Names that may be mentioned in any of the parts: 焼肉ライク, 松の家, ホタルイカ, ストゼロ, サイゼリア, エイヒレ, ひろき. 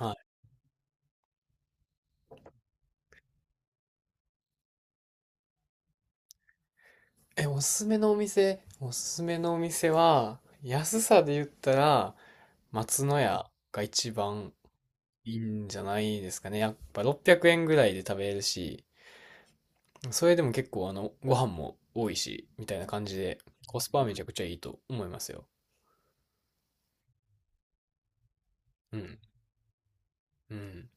はい。おすすめのお店は、安さで言ったら、松の家が一番いいんじゃないですかね。やっぱ600円ぐらいで食べれるし、それでも結構ご飯も多いし、みたいな感じで、コスパはめちゃくちゃいいと思いますよ。うん。うん。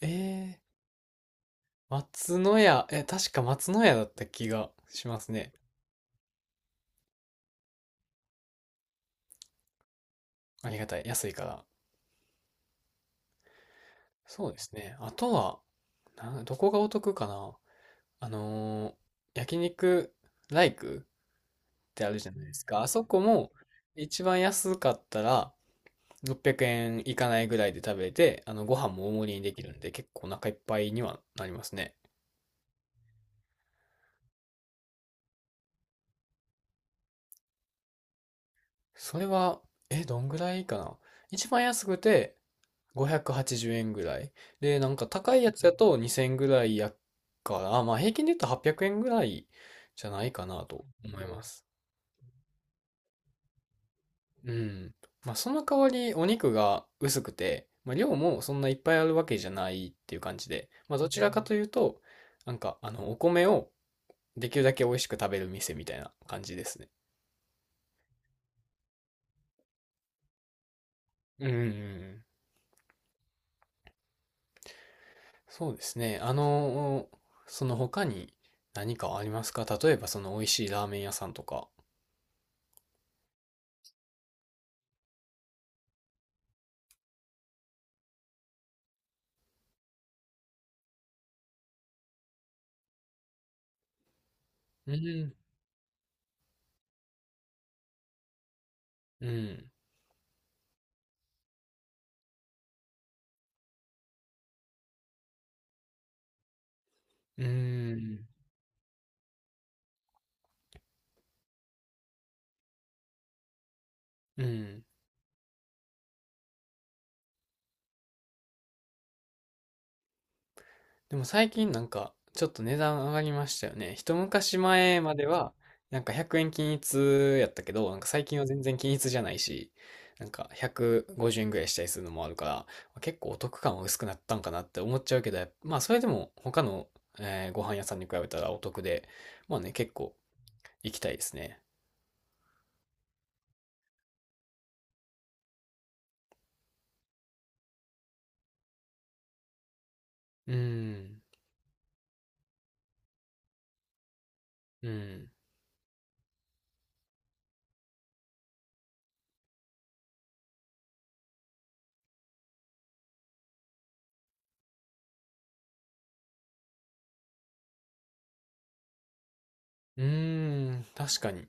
えー、松の家、え、確か松の家だった気がしますね。ありがたい。安いから。そうですね。あとは、どこがお得かな。あのー焼肉ライクってあるじゃないですか。あそこも一番安かったら600円いかないぐらいで食べて、ご飯も大盛りにできるんで結構お腹いっぱいにはなりますね。それは、どんぐらいかな。一番安くて580円ぐらい。で、なんか高いやつだと2000円ぐらいやから、まあ平均で言うと800円ぐらいじゃないかなと思います。うん。まあ、その代わりお肉が薄くて、まあ、量もそんないっぱいあるわけじゃないっていう感じで、まあ、どちらかというと、なんか、お米をできるだけ美味しく食べる店みたいな感じですね。うんうんうん。そうですね。その他に何かありますか？例えばその美味しいラーメン屋さんとか。うん。うん。うん。うん。でも最近なんか、ちょっと値段上がりましたよね。一昔前までは、なんか100円均一やったけど、なんか最近は全然均一じゃないし、なんか150円ぐらいしたりするのもあるから、結構お得感は薄くなったんかなって思っちゃうけど、やっぱまあそれでも他の、ご飯屋さんに比べたらお得で、まあね、結構行きたいですね。うーん、うん、うーん、確かに。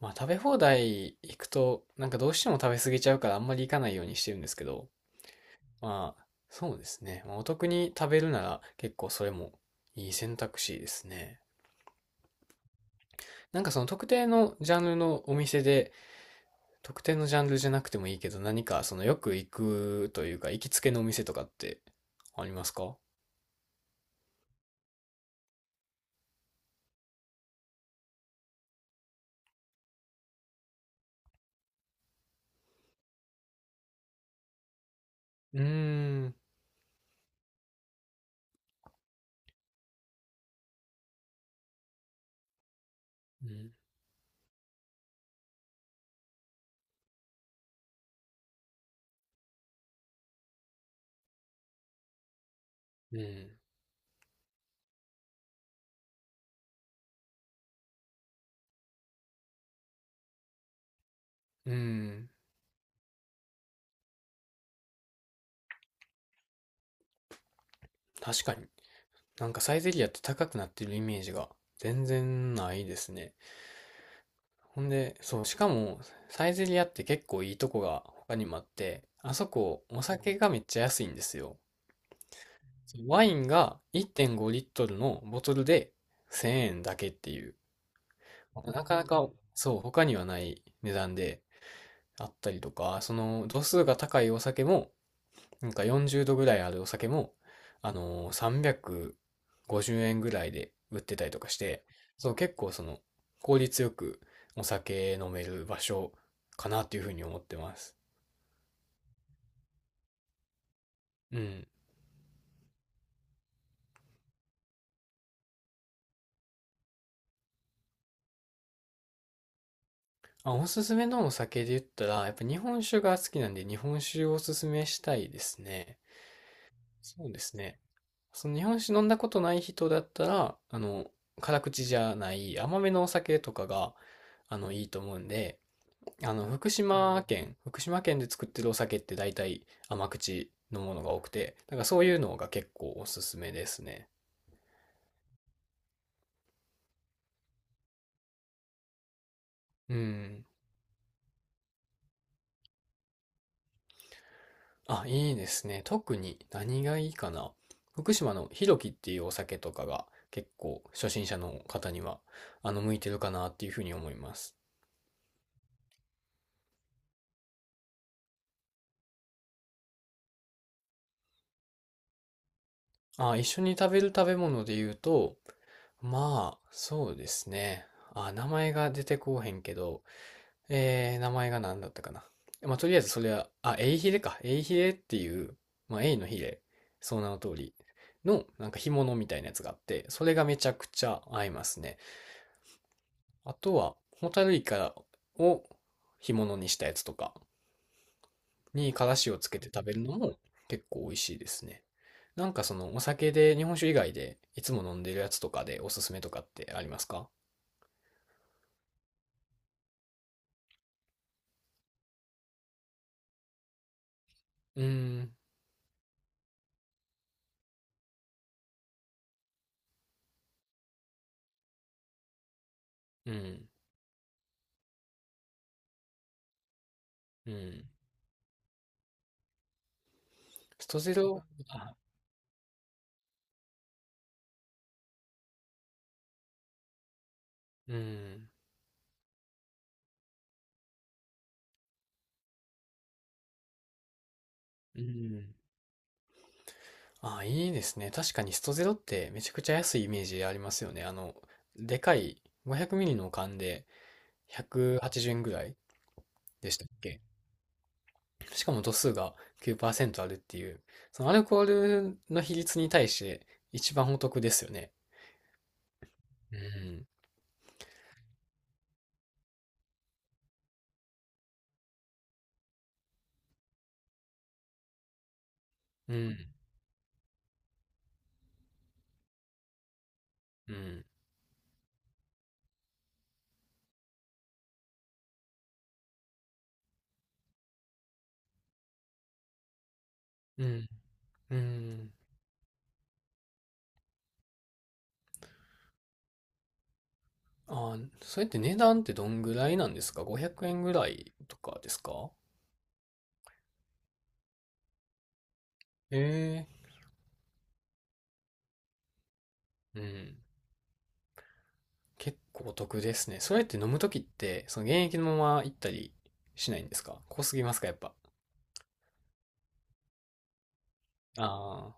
まあ食べ放題行くと、なんかどうしても食べ過ぎちゃうからあんまり行かないようにしてるんですけど、まあ、そうですね。まあお得に食べるなら結構それもいい選択肢ですね。なんかその特定のジャンルのお店で、特定のジャンルじゃなくてもいいけど、何かそのよく行くというか、行きつけのお店とかってありますか？うーん。うん。うん。うん。確かに。なんかサイゼリアって高くなってるイメージが全然ないですね。ほんで、そう、しかも、サイゼリアって結構いいとこが他にもあって、あそこ、お酒がめっちゃ安いんですよ。ワインが1.5リットルのボトルで1000円だけっていう、なかなか、そう、他にはない値段であったりとか、その、度数が高いお酒も、なんか40度ぐらいあるお酒も、あのー、350円ぐらいで売ってたりとかして、そう、結構その、効率よくお酒飲める場所かなっていうふうに思ってます。うん。あ、おすすめのお酒で言ったら、やっぱ日本酒が好きなんで、日本酒をおすすめしたいですね。そうですね。その日本酒飲んだことない人だったら、辛口じゃない甘めのお酒とかが、いいと思うんで、福島県で作ってるお酒って大体甘口のものが多くて、だからそういうのが結構おすすめですね。うん。あ、いいですね。特に何がいいかな。福島のひろきっていうお酒とかが結構初心者の方には、向いてるかなっていうふうに思います。あ、一緒に食べる食べ物で言うと、まあ、そうですね。あ、名前が出てこうへんけど、名前が何だったかな。まあ、とりあえずそれは、あ、エイヒレか。エイヒレっていう、まあ、エイのヒレ、その名の通りの、なんか干物みたいなやつがあって、それがめちゃくちゃ合いますね。あとは、ホタルイカを干物にしたやつとかにからしをつけて食べるのも結構美味しいですね。なんかそのお酒で日本酒以外でいつも飲んでるやつとかでおすすめとかってありますか？うーん、うん、うん。ストゼロ、うん、うん。ああ、いいですね。確かにストゼロってめちゃくちゃ安いイメージありますよね。でかい 500ml の缶で180円ぐらいでしたっけ？しかも度数が9%あるっていう、そのアルコールの比率に対して一番お得ですよね。うん、うん、うん、うん、うん。ああ、それって値段ってどんぐらいなんですか ?500 円ぐらいとかですか？ええ、うん。結構お得ですね。それって飲むときって、その現役のまま行ったりしないんですか？濃すぎますか？やっぱ。あ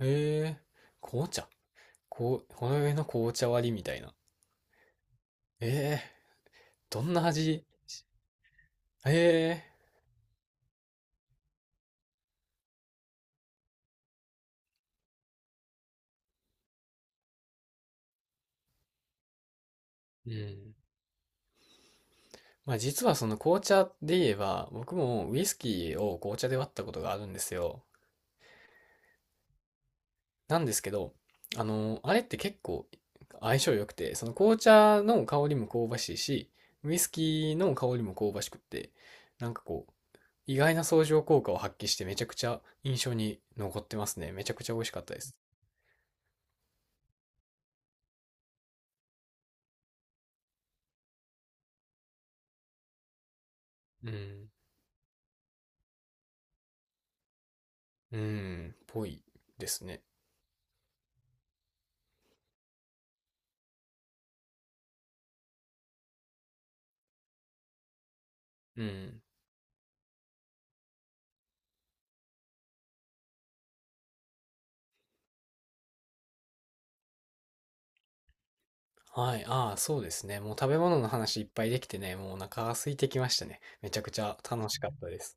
あ。へえ。紅茶こう、ほろ酔いの紅茶割りみたいな。ええ。どんな味？ええ。うん。まあ実はその紅茶で言えば、僕もウイスキーを紅茶で割ったことがあるんですよ。なんですけど、あれって結構相性良くて、その紅茶の香りも香ばしいし、ウイスキーの香りも香ばしくって、なんかこう、意外な相乗効果を発揮してめちゃくちゃ印象に残ってますね。めちゃくちゃ美味しかったです。うん。うん。ぽいですね。うん。はい。ああ、そうですね。もう食べ物の話いっぱいできてね、もうお腹が空いてきましたね。めちゃくちゃ楽しかったです。